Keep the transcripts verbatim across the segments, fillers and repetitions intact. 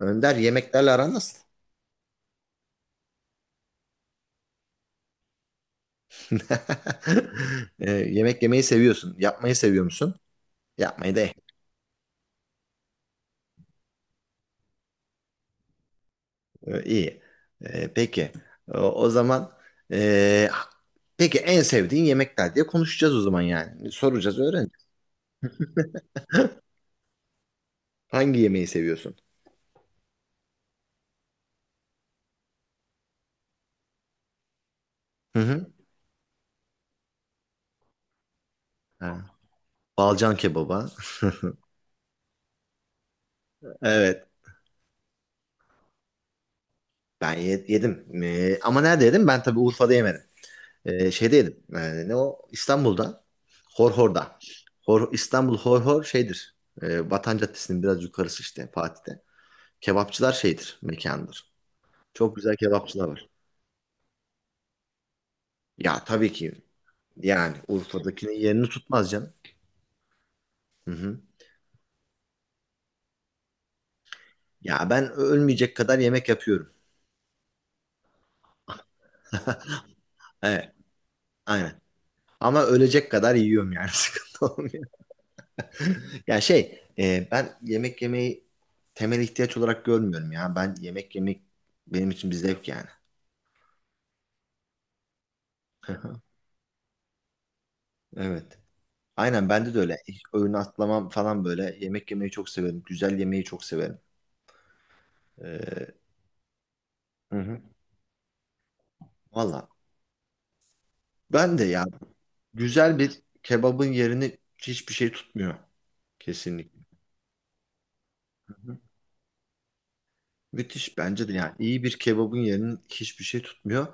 Önder, yemeklerle aran nasıl? E, yemek yemeyi seviyorsun. Yapmayı seviyor musun? Yapmayı da e, iyi. E, peki. O, o zaman, e, peki en sevdiğin yemekler diye konuşacağız o zaman yani. Soracağız, öğreneceğiz. Hangi yemeği seviyorsun? Hı hı. Ha, Balcan kebaba. Evet. Ben ye- yedim. E, ama nerede yedim? Ben tabii Urfa'da yemedim. Ee, şeydeydim. Yani ne o? İstanbul'da. Horhor'da. Hor, İstanbul Horhor şeydir. Ee, Vatan Caddesi'nin biraz yukarısı, işte Fatih'te. Kebapçılar şeydir, mekandır. Çok güzel kebapçılar var. Ya tabii ki, yani Urfa'dakinin yerini tutmaz canım. Hı hı. Ya ben ölmeyecek kadar yemek yapıyorum. Evet, aynen. Ama ölecek kadar yiyorum yani sıkıntı olmuyor. Ya şey, e, ben yemek yemeyi temel ihtiyaç olarak görmüyorum ya. Ben yemek yemek, benim için bir zevk yani. Evet. Aynen bende de öyle. Hiç öğün atlamam falan böyle. Yemek yemeyi çok severim. Güzel yemeyi çok severim. Ee, hı hı. Valla. Ben de ya, güzel bir kebabın yerini hiçbir şey tutmuyor. Kesinlikle. Hı hı. Müthiş bence de yani. İyi bir kebabın yerini hiçbir şey tutmuyor.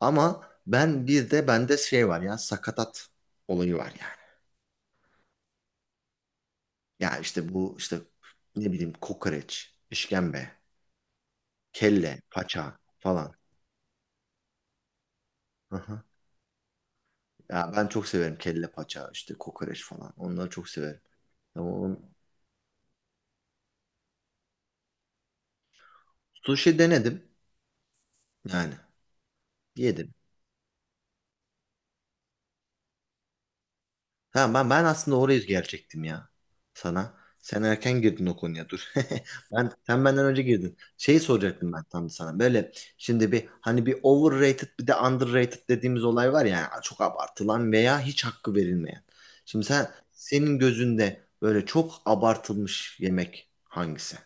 Ama ben bir de, bende şey var ya, sakatat olayı var yani. Ya işte bu, işte ne bileyim, kokoreç, işkembe, kelle, paça falan. Hı hı. Ya ben çok severim kelle paça, işte kokoreç falan. Onları çok severim. Ama on- sushi denedim. Yani yedim. Ha, ben ben aslında oraya gelecektim ya sana. Sen erken girdin o konuya, dur. Ben sen benden önce girdin. Şeyi soracaktım ben tam da sana. Böyle şimdi bir, hani bir overrated bir de underrated dediğimiz olay var ya. Yani çok abartılan veya hiç hakkı verilmeyen. Şimdi sen senin gözünde böyle çok abartılmış yemek hangisi?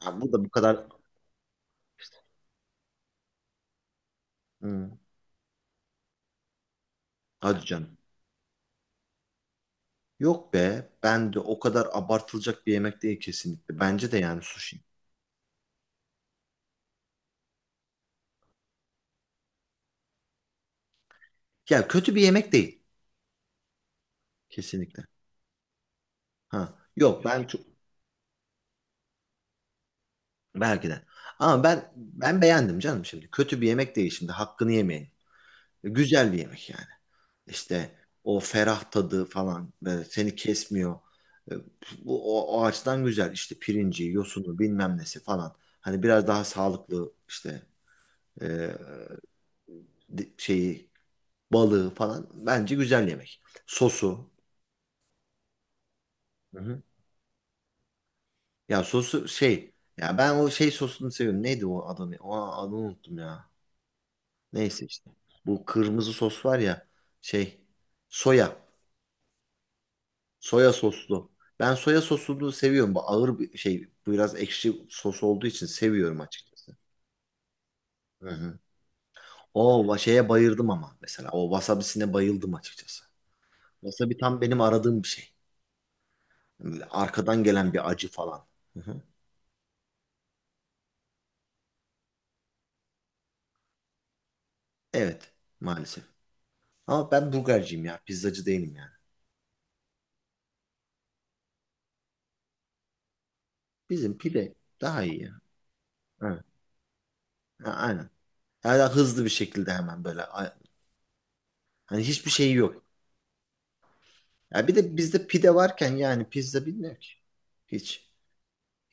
Ha, bu da bu kadar, hmm, hadi canım. Yok be, ben de o kadar abartılacak bir yemek değil kesinlikle. Bence de yani sushi. Ya kötü bir yemek değil kesinlikle. Ha, yok ben çok belki de. Ama ben ben beğendim canım şimdi. Kötü bir yemek değil şimdi. Hakkını yemeyin. Güzel bir yemek yani. İşte o ferah tadı falan böyle seni kesmiyor. E, Bu o, o açıdan güzel. İşte pirinci, yosunu, bilmem nesi falan. Hani biraz daha sağlıklı işte, e, di- şeyi, balığı falan bence güzel yemek. Sosu. Hı hı. Ya sosu şey. Ya ben o şey sosunu seviyorum. Neydi o adını? O adını unuttum ya. Neyse işte. Bu kırmızı sos var ya. Şey. Soya. Soya soslu. Ben soya sosunu seviyorum. Bu ağır bir şey. Bu biraz ekşi sos olduğu için seviyorum açıkçası. Hı hı. O va- şeye bayıldım ama mesela. O wasabisine bayıldım açıkçası. Wasabi tam benim aradığım bir şey. Arkadan gelen bir acı falan. Hı hı. Evet. Maalesef. Ama ben burgerciyim ya. Pizzacı değilim yani. Bizim pide daha iyi ya. Evet. Ha, aynen. Yani daha hızlı bir şekilde hemen böyle. A- Hani hiçbir şeyi yok. Ya bir de bizde pide varken, yani pizza bilmiyor ki. Hiç.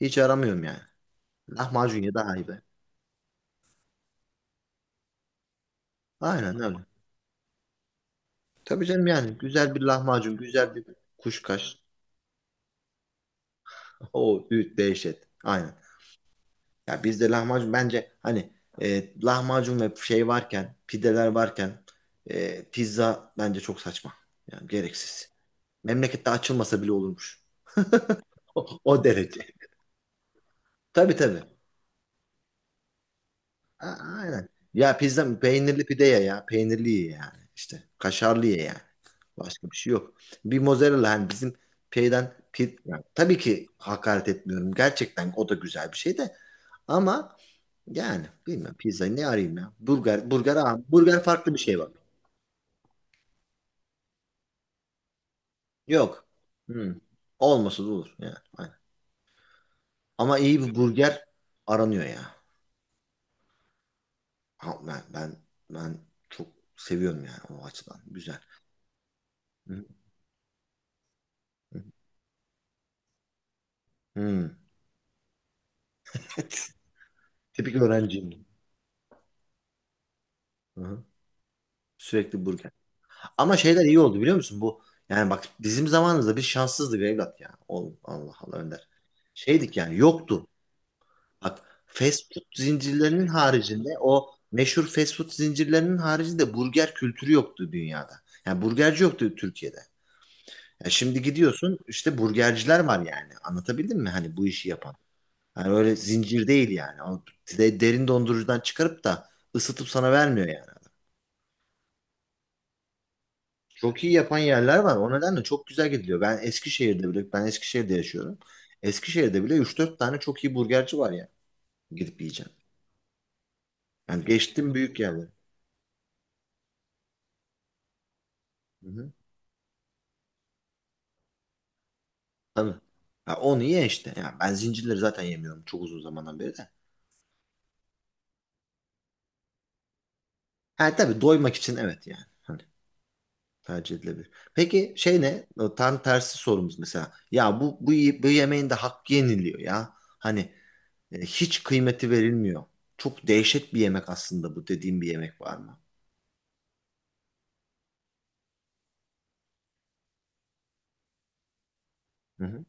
Hiç aramıyorum yani. Lahmacun ya daha iyi be. Aynen öyle. Tabii canım yani. Güzel bir lahmacun, güzel bir kuşkaş. O dehşet. Aynen. Ya bizde lahmacun bence hani, e, lahmacun ve şey varken, pideler varken, e, pizza bence çok saçma. Yani gereksiz. Memlekette açılmasa bile olurmuş. O, o derece. Tabii tabii. A- aynen. Ya pizza, peynirli pide ye ya. Peynirli ye yani. İşte kaşarlı ye yani. Başka bir şey yok. Bir mozzarella, hani bizim şeyden pi- yani tabii ki hakaret etmiyorum. Gerçekten o da güzel bir şey de, ama yani bilmem pizzayı ne arayayım ya. Burger, burger abi. Burger farklı bir şey bak. Yok. Hmm. Olmasa da olur yani. Aynen. Ama iyi bir burger aranıyor ya. Ha, ben ben ben çok seviyorum yani o açıdan. Güzel. Hı hı. Hı. Tipik öğrenciyim. Hı hı. Sürekli burger. Ama şeyler iyi oldu biliyor musun? Bu, yani bak bizim zamanımızda biz şanssızdık evlat ya. Oğlum, Allah Allah Önder. Şeydik yani, yoktu. Bak, fast food zincirlerinin haricinde, o meşhur fast food zincirlerinin haricinde burger kültürü yoktu dünyada. Yani burgerci yoktu Türkiye'de. Ya şimdi gidiyorsun, işte burgerciler var yani. Anlatabildim mi? Hani bu işi yapan. Yani öyle zincir değil yani. O de- derin dondurucudan çıkarıp da ısıtıp sana vermiyor yani. Çok iyi yapan yerler var. O nedenle çok güzel gidiliyor. Ben Eskişehir'de bile, ben Eskişehir'de yaşıyorum. Eskişehir'de bile üç dört tane çok iyi burgerci var ya. Gidip yiyeceğim. Yani geçtim büyük yerleri. Hı-hı. Tabii. Ha, onu ye işte. Yani ben zincirleri zaten yemiyorum çok uzun zamandan beri de. Ha tabii, doymak için, evet yani. Hani tercih edilebilir. Peki şey ne? O tam tersi sorumuz mesela. Ya bu, bu, y- bu yemeğin de hakkı yeniliyor ya. Hani, E, hiç kıymeti verilmiyor. Çok dehşet bir yemek aslında bu dediğim bir yemek var mı? Hı hı.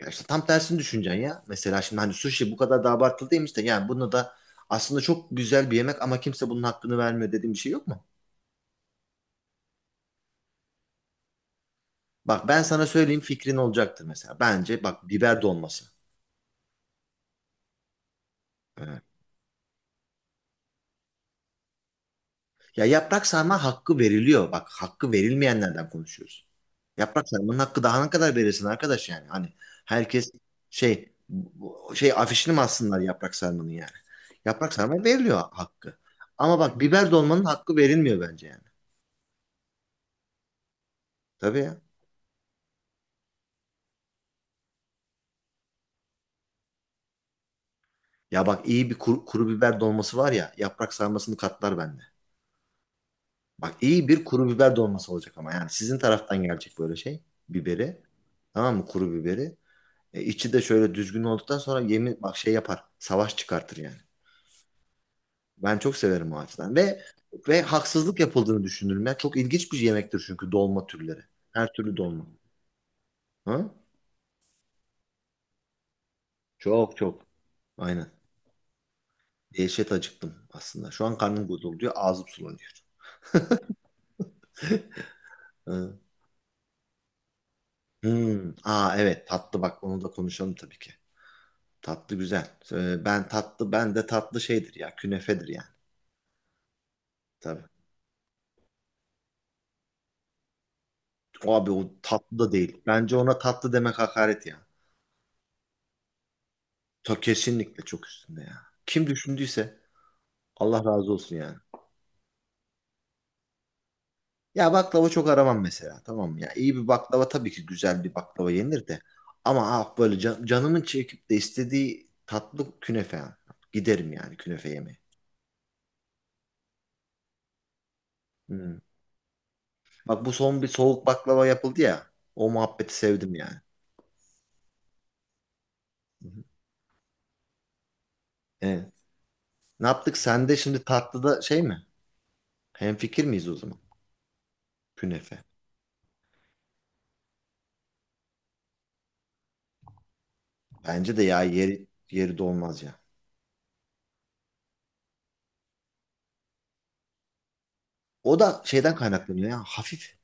Ya işte tam tersini düşüneceksin ya. Mesela şimdi, hani sushi bu kadar da abartılı değilmiş de, yani bunu da aslında çok güzel bir yemek ama kimse bunun hakkını vermiyor dediğim bir şey yok mu? Bak ben sana söyleyeyim, fikrin olacaktır mesela. Bence bak, biber dolması. Evet. Ya yaprak sarma hakkı veriliyor. Bak, hakkı verilmeyenlerden konuşuyoruz. Yaprak sarmanın hakkı daha ne kadar verirsin arkadaş yani. Hani herkes şey, bu- şey afişini mi assınlar yaprak sarmanın yani. Yaprak sarma veriliyor hakkı. Ama bak biber dolmanın hakkı verilmiyor bence yani. Tabii ya. Ya bak, iyi bir kuru, kuru biber dolması var ya, yaprak sarmasını katlar bende. Bak iyi bir kuru biber dolması olacak ama, yani sizin taraftan gelecek, böyle şey biberi. Tamam mı, kuru biberi? E, içi de şöyle düzgün olduktan sonra yemin bak şey yapar. Savaş çıkartır yani. Ben çok severim o açıdan. Ve ve haksızlık yapıldığını düşünürüm. Ya çok ilginç bir yemektir çünkü, dolma türleri. Her türlü dolma. Ha? Çok çok. Aynen. Dehşet acıktım aslında. Şu an karnım gurulduyor, ağzım sulanıyor. Ha. Hmm. Aa, evet tatlı, bak onu da konuşalım tabii ki. Tatlı güzel. Ee, Ben tatlı, ben de tatlı şeydir ya, künefedir yani. Tabii. O, abi o tatlı da değil. Bence ona tatlı demek hakaret ya. Ta kesinlikle çok üstünde ya. Kim düşündüyse Allah razı olsun yani. Ya baklava çok aramam mesela, tamam mı ya? İyi bir baklava, tabii ki güzel bir baklava yenir de. Ama ah böyle can- canımın çekip de istediği tatlı, künefe yani. Giderim yani künefe yemeye. Hmm. Bak, bu son bir soğuk baklava yapıldı ya. O muhabbeti sevdim yani. Hı hı. Evet. Ne yaptık? Sen de şimdi tatlıda şey mi? Hemfikir miyiz o zaman? Künefe. Bence de ya, yeri, yeri dolmaz ya. O da şeyden kaynaklanıyor ya. Hafif